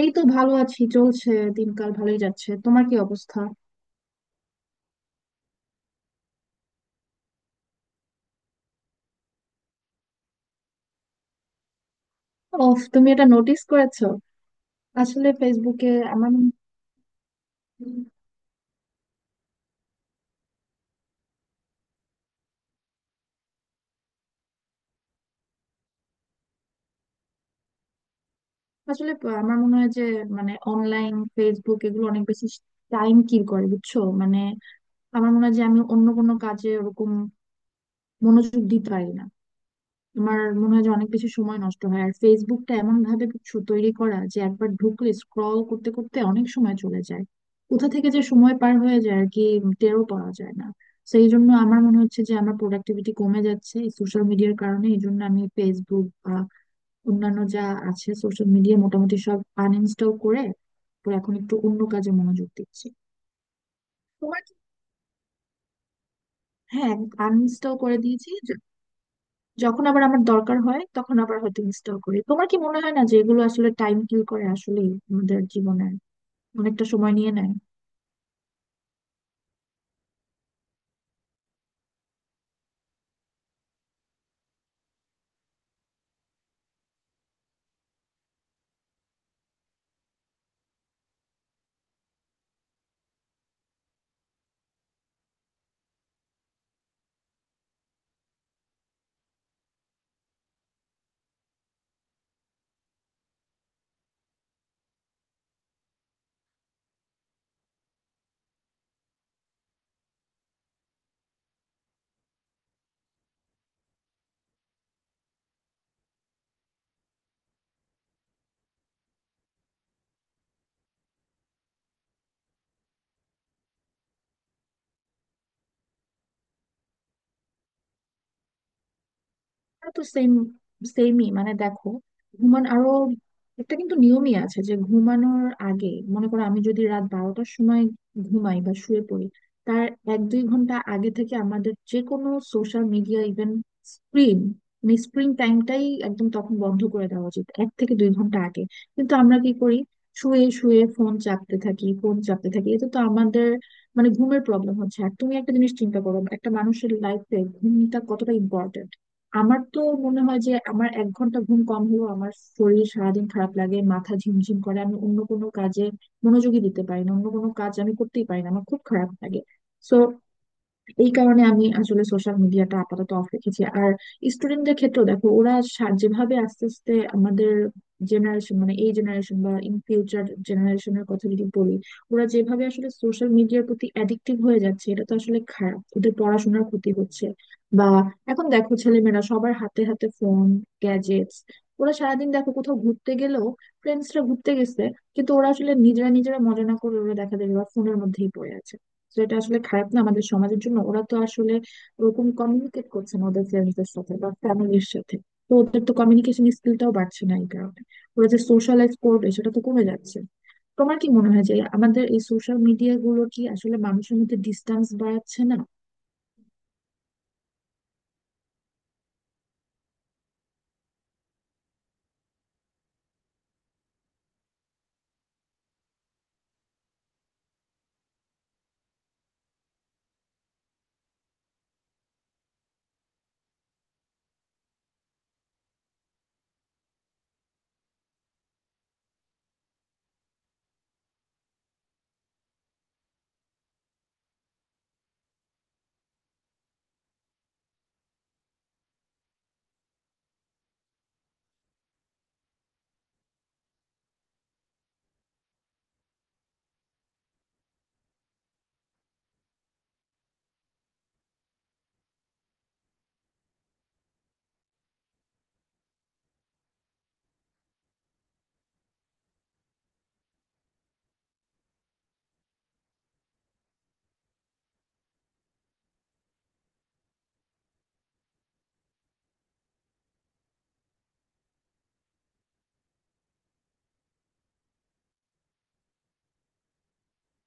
এই তো ভালো আছি, চলছে। দিনকাল ভালোই যাচ্ছে, তোমার কি অবস্থা? অফ, তুমি এটা নোটিস করেছো? আসলে ফেসবুকে আমার মনে- আসলে আমার মনে হয় যে মানে অনলাইন ফেসবুক এগুলো অনেক বেশি টাইম কিল করে, বুঝছো? মানে আমার মনে হয় যে আমি অন্য কোনো কাজে ওরকম মনোযোগ দিতে পারি না। আমার মনে হয় যে অনেক বেশি সময় নষ্ট হয়, আর ফেসবুকটা এমন ভাবে কিছু তৈরি করা যে একবার ঢুকলে স্ক্রল করতে করতে অনেক সময় চলে যায়। কোথা থেকে যে সময় পার হয়ে যায় আর কি, টেরও পাওয়া যায় না। সেই জন্য আমার মনে হচ্ছে যে আমার প্রোডাক্টিভিটি কমে যাচ্ছে এই সোশ্যাল মিডিয়ার কারণে। এই জন্য আমি ফেসবুক বা অন্যান্য যা আছে সোশ্যাল মিডিয়া মোটামুটি সব আনইনস্টল করে তারপর এখন একটু অন্য কাজে মনোযোগ দিচ্ছি। তোমার কি- হ্যাঁ, আনইনস্টল করে দিয়েছি। যখন আবার আমার দরকার হয় তখন আবার হয়তো ইনস্টল করি। তোমার কি মনে হয় না যে এগুলো আসলে টাইম কিল করে আসলে আমাদের জীবনে অনেকটা সময় নিয়ে নেয়? তো সেমই মানে দেখো, ঘুমান আরো একটা কিন্তু নিয়মই আছে যে ঘুমানোর আগে, মনে করো আমি যদি রাত 12টার সময় ঘুমাই বা শুয়ে পড়ি, তার 1-2 ঘন্টা আগে থেকে আমাদের যে কোনো সোশ্যাল মিডিয়া ইভেন স্ক্রিন মানে স্ক্রিন টাইমটাই একদম তখন বন্ধ করে দেওয়া উচিত, 1 থেকে 2 ঘন্টা আগে। কিন্তু আমরা কি করি? শুয়ে শুয়ে ফোন চাপতে থাকি, ফোন চাপতে থাকি, এতে তো আমাদের মানে ঘুমের প্রবলেম হচ্ছে। আর তুমি একটা জিনিস চিন্তা করো, একটা মানুষের লাইফে ঘুমটা কতটা ইম্পর্টেন্ট। আমার তো মনে হয় যে আমার 1 ঘন্টা ঘুম কম হলেও আমার শরীর সারাদিন খারাপ লাগে, মাথা ঝিমঝিম করে, আমি অন্য কোনো কাজে মনোযোগী দিতে পারি না, অন্য কোনো কাজ আমি করতেই পারি না, আমার খুব খারাপ লাগে। সো এই কারণে আমি আসলে সোশ্যাল মিডিয়াটা আপাতত অফ রেখেছি। আর স্টুডেন্টদের ক্ষেত্রেও দেখো, ওরা যেভাবে আস্তে আস্তে আমাদের জেনারেশন মানে এই জেনারেশন বা ইন ফিউচার জেনারেশনের কথা যদি বলি, ওরা যেভাবে আসলে সোশ্যাল মিডিয়ার প্রতি অ্যাডিক্টিভ হয়ে যাচ্ছে, এটা তো আসলে খারাপ, ওদের পড়াশোনার ক্ষতি হচ্ছে। বা এখন দেখো ছেলেমেয়েরা সবার হাতে হাতে ফোন, গ্যাজেটস। ওরা সারাদিন দেখো, কোথাও ঘুরতে গেলেও, ফ্রেন্ডসরা ঘুরতে গেছে, কিন্তু ওরা আসলে নিজেরা নিজেরা মজা না করে ওরা দেখা যায় ফোনের মধ্যেই পড়ে আছে। তো এটা আসলে খারাপ না আমাদের সমাজের জন্য? ওরা তো আসলে ওরকম কমিউনিকেট করছে না ওদের ফ্রেন্ডসদের সাথে বা ফ্যামিলির সাথে, তো ওদের তো কমিউনিকেশন স্কিলটাও বাড়ছে না এই কারণে, ওরা যে সোশ্যালাইজ করবে সেটা তো কমে যাচ্ছে। তোমার কি মনে হয় যে আমাদের এই সোশ্যাল মিডিয়া গুলো কি আসলে মানুষের মধ্যে ডিস্টেন্স বাড়াচ্ছে না?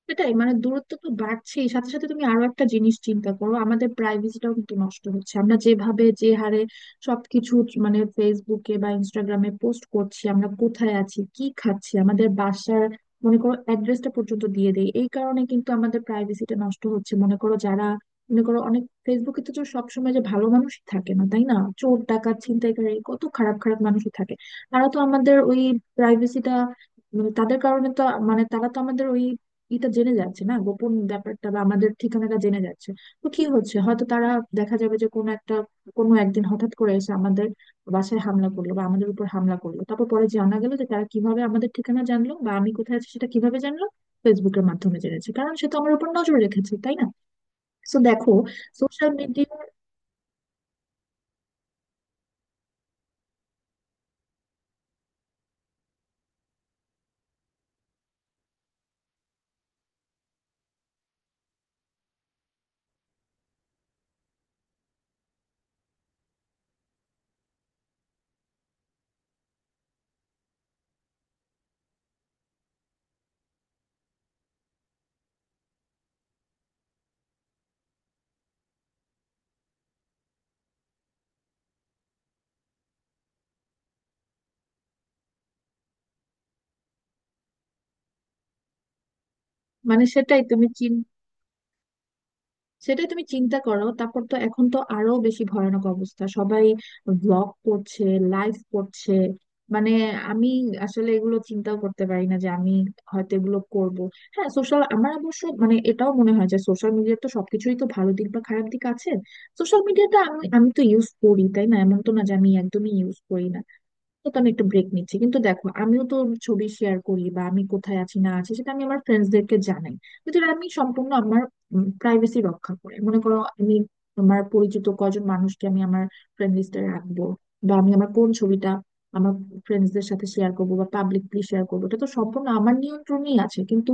সেটাই মানে দূরত্ব তো বাড়ছেই, সাথে সাথে তুমি আরো একটা জিনিস চিন্তা করো, আমাদের প্রাইভেসিটাও কিন্তু নষ্ট হচ্ছে। আমরা যেভাবে যে হারে সবকিছু মানে ফেসবুকে বা ইনস্টাগ্রামে পোস্ট করছি, আমরা কোথায় আছি, কি খাচ্ছি, আমাদের বাসার মনে করো অ্যাড্রেসটা পর্যন্ত দিয়ে দেই, এই কারণে কিন্তু আমাদের প্রাইভেসিটা নষ্ট হচ্ছে। মনে করো যারা, মনে করো অনেক ফেসবুকে তো সবসময় যে ভালো মানুষ থাকে না, তাই না? চোর, ডাকাত, ছিনতাইকারী, কত খারাপ খারাপ মানুষই থাকে। তারা তো আমাদের ওই প্রাইভেসিটা, মানে তাদের কারণে তো মানে তারা তো আমাদের ওই এটা জেনে যাচ্ছে না, গোপন ব্যাপারটা বা আমাদের ঠিকানাটা জেনে যাচ্ছে। তো কি হচ্ছে, হয়তো তারা দেখা যাবে যে কোনো একটা, কোনো একদিন হঠাৎ করে এসে আমাদের বাসায় হামলা করলো বা আমাদের উপর হামলা করলো, তারপর পরে জানা গেল যে তারা কিভাবে আমাদের ঠিকানা জানলো বা আমি কোথায় আছি সেটা কিভাবে জানলো, ফেসবুকের মাধ্যমে জেনেছে, কারণ সে তো আমার উপর নজর রেখেছে, তাই না? তো দেখো সোশ্যাল মিডিয়া মানে সেটাই তুমি চিন্তা করো। তারপর তো এখন তো আরো বেশি ভয়ানক অবস্থা, সবাই ব্লগ করছে, লাইভ করছে। মানে আমি আসলে এগুলো চিন্তাও করতে পারি না যে আমি হয়তো এগুলো করব। হ্যাঁ, সোশ্যাল আমার অবশ্য মানে এটাও মনে হয় যে সোশ্যাল মিডিয়ার তো সবকিছুই তো ভালো দিক বা খারাপ দিক আছে। সোশ্যাল মিডিয়াটা আমি আমি তো ইউজ করি, তাই না? এমন তো না যে আমি একদমই ইউজ করি না। তো তো আমি একটু ব্রেক নিচ্ছি, কিন্তু দেখো আমিও তো ছবি শেয়ার করি বা আমি কোথায় আছি না আছি সেটা আমি আমার ফ্রেন্ডসদেরকে জানাই, কিন্তু এটা আমি সম্পূর্ণ আমার প্রাইভেসি রক্ষা করে। মনে করো আমি আমার পরিচিত কজন মানুষকে আমি আমার ফ্রেন্ড লিস্টে রাখবো, বা আমি আমার কোন ছবিটা আমার ফ্রেন্ডসদের সাথে শেয়ার করবো বা পাবলিকলি শেয়ার করবো, এটা তো সম্পূর্ণ আমার নিয়ন্ত্রণেই আছে। কিন্তু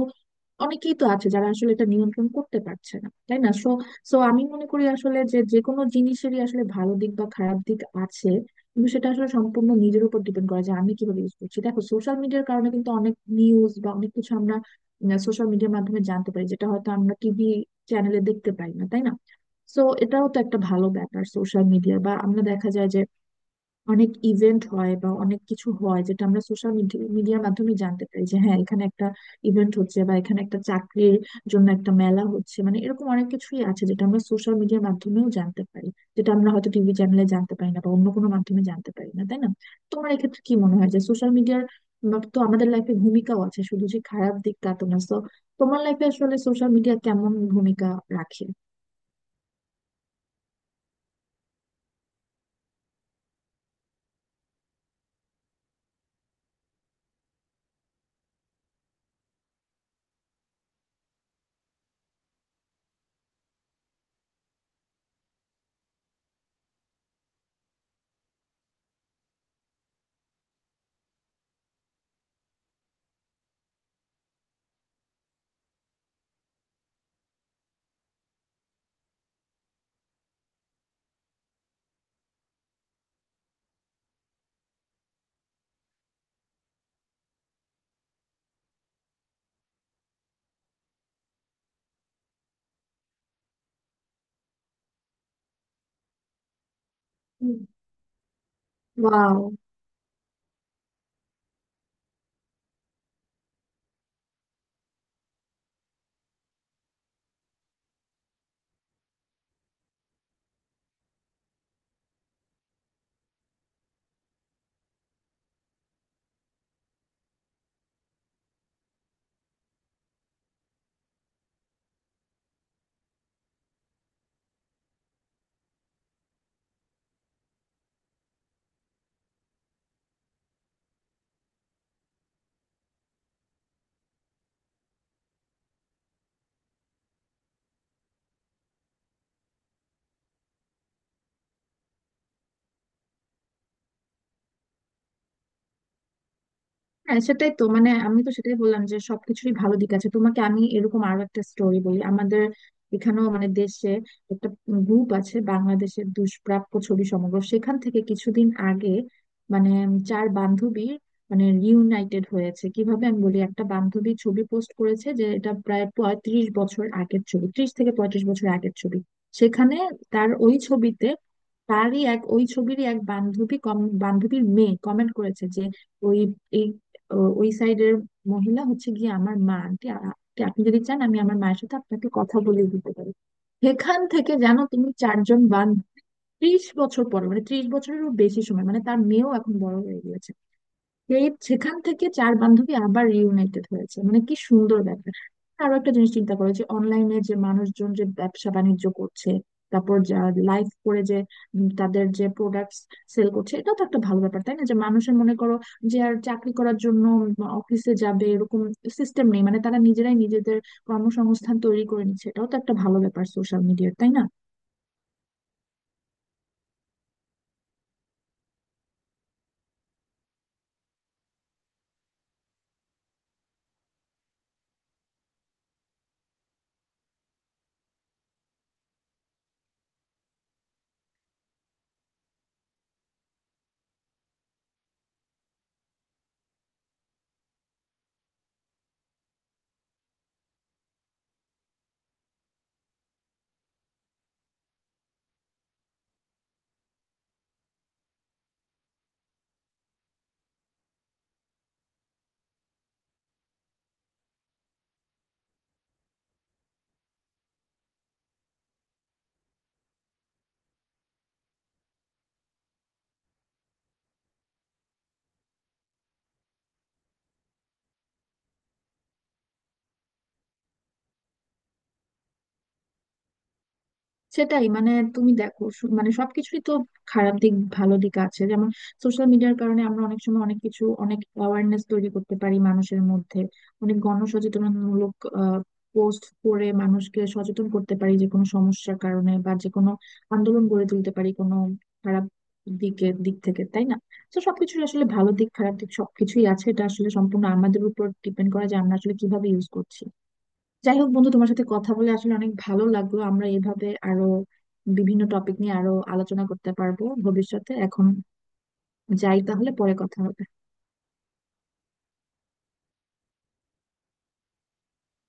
অনেকেই তো আছে যারা আসলে এটা নিয়ন্ত্রণ করতে পারছে না, তাই না? সো সো আমি মনে করি আসলে যে যে কোনো জিনিসেরই আসলে ভালো দিক বা খারাপ দিক আছে, কিন্তু সেটা আসলে সম্পূর্ণ নিজের উপর ডিপেন্ড করা যায় আমি কিভাবে ইউজ করছি। দেখো সোশ্যাল মিডিয়ার কারণে কিন্তু অনেক নিউজ বা অনেক কিছু আমরা সোশ্যাল মিডিয়ার মাধ্যমে জানতে পারি, যেটা হয়তো আমরা টিভি চ্যানেলে দেখতে পাই না, তাই না? সো এটাও তো একটা ভালো ব্যাপার সোশ্যাল মিডিয়া। বা আমরা দেখা যায় যে অনেক ইভেন্ট হয় বা অনেক কিছু হয় যেটা আমরা সোশ্যাল মিডিয়ার মাধ্যমে জানতে পারি, যে হ্যাঁ এখানে একটা ইভেন্ট হচ্ছে বা এখানে একটা চাকরির জন্য একটা মেলা হচ্ছে, মানে এরকম অনেক কিছুই আছে যেটা আমরা সোশ্যাল মিডিয়ার মাধ্যমেও জানতে পারি, যেটা আমরা হয়তো টিভি চ্যানেলে জানতে পারি না বা অন্য কোনো মাধ্যমে জানতে পারি না, তাই না? তোমার এক্ষেত্রে কি মনে হয় যে সোশ্যাল মিডিয়ার তো আমাদের লাইফে ভূমিকাও আছে, শুধু যে খারাপ দিক তা তো না। So, তোমার লাইফে আসলে সোশ্যাল মিডিয়া কেমন ভূমিকা রাখে? হুম। ওয়াও। হ্যাঁ, সেটাই তো মানে আমি তো সেটাই বললাম যে সবকিছুরই ভালো দিক আছে। তোমাকে আমি এরকম আরো একটা স্টোরি বলি, আমাদের এখানেও মানে দেশে একটা গ্রুপ আছে বাংলাদেশের দুষ্প্রাপ্য ছবি সমগ্র, সেখান থেকে কিছুদিন আগে মানে চার বান্ধবী মানে রিউনাইটেড হয়েছে। কিভাবে আমি বলি, একটা বান্ধবী ছবি পোস্ট করেছে যে এটা প্রায় 35 বছর আগের ছবি, 30 থেকে 35 বছর আগের ছবি। সেখানে তার ওই ছবিতে তারই এক, ওই ছবিরই এক বান্ধবী, বান্ধবীর মেয়ে কমেন্ট করেছে যে ওই, ওই সাইডের মহিলা হচ্ছে গিয়ে আমার মা, আন্টি আন্টি, আপনি যদি চান আমি আমার মায়ের সাথে আপনাকে কথা বলিয়ে দিতে পারি। সেখান থেকে জানো তুমি, চারজন 30 বছর পরে মানে 30 বছরেরও বেশি সময়, মানে তার মেয়েও এখন বড় হয়ে গেছে, এই সেখান থেকে চার বান্ধবী আবার রিউনাইটেড হয়েছে, মানে কি সুন্দর ব্যাপার। আরো একটা জিনিস চিন্তা করো, যে অনলাইনে যে মানুষজন যে ব্যবসা বাণিজ্য করছে, তারপর যা লাইভ করে, যে তাদের যে প্রোডাক্টস সেল করছে, এটা তো একটা ভালো ব্যাপার, তাই না? যে মানুষের মনে করো যে আর চাকরি করার জন্য অফিসে যাবে এরকম সিস্টেম নেই, মানে তারা নিজেরাই নিজেদের কর্মসংস্থান তৈরি করে নিচ্ছে, এটাও তো একটা ভালো ব্যাপার সোশ্যাল মিডিয়ার, তাই না? সেটাই মানে তুমি দেখো মানে সবকিছুই তো খারাপ দিক ভালো দিক আছে। যেমন সোশ্যাল মিডিয়ার কারণে আমরা অনেক সময় অনেক কিছু, অনেক অ্যাওয়ারনেস তৈরি করতে পারি মানুষের মধ্যে, অনেক গণসচেতনমূলক পোস্ট করে মানুষকে সচেতন করতে পারি যে কোনো সমস্যার কারণে, বা যে কোনো আন্দোলন গড়ে তুলতে পারি কোনো খারাপ দিকের দিক থেকে, তাই না? তো সবকিছুর আসলে ভালো দিক খারাপ দিক সবকিছুই আছে, এটা আসলে সম্পূর্ণ আমাদের উপর ডিপেন্ড করে যে আমরা আসলে কিভাবে ইউজ করছি। যাই হোক বন্ধু, তোমার সাথে কথা বলে আসলে অনেক ভালো লাগলো। আমরা এভাবে আরো বিভিন্ন টপিক নিয়ে আরো আলোচনা করতে পারবো ভবিষ্যতে। এখন যাই তাহলে, পরে কথা হবে।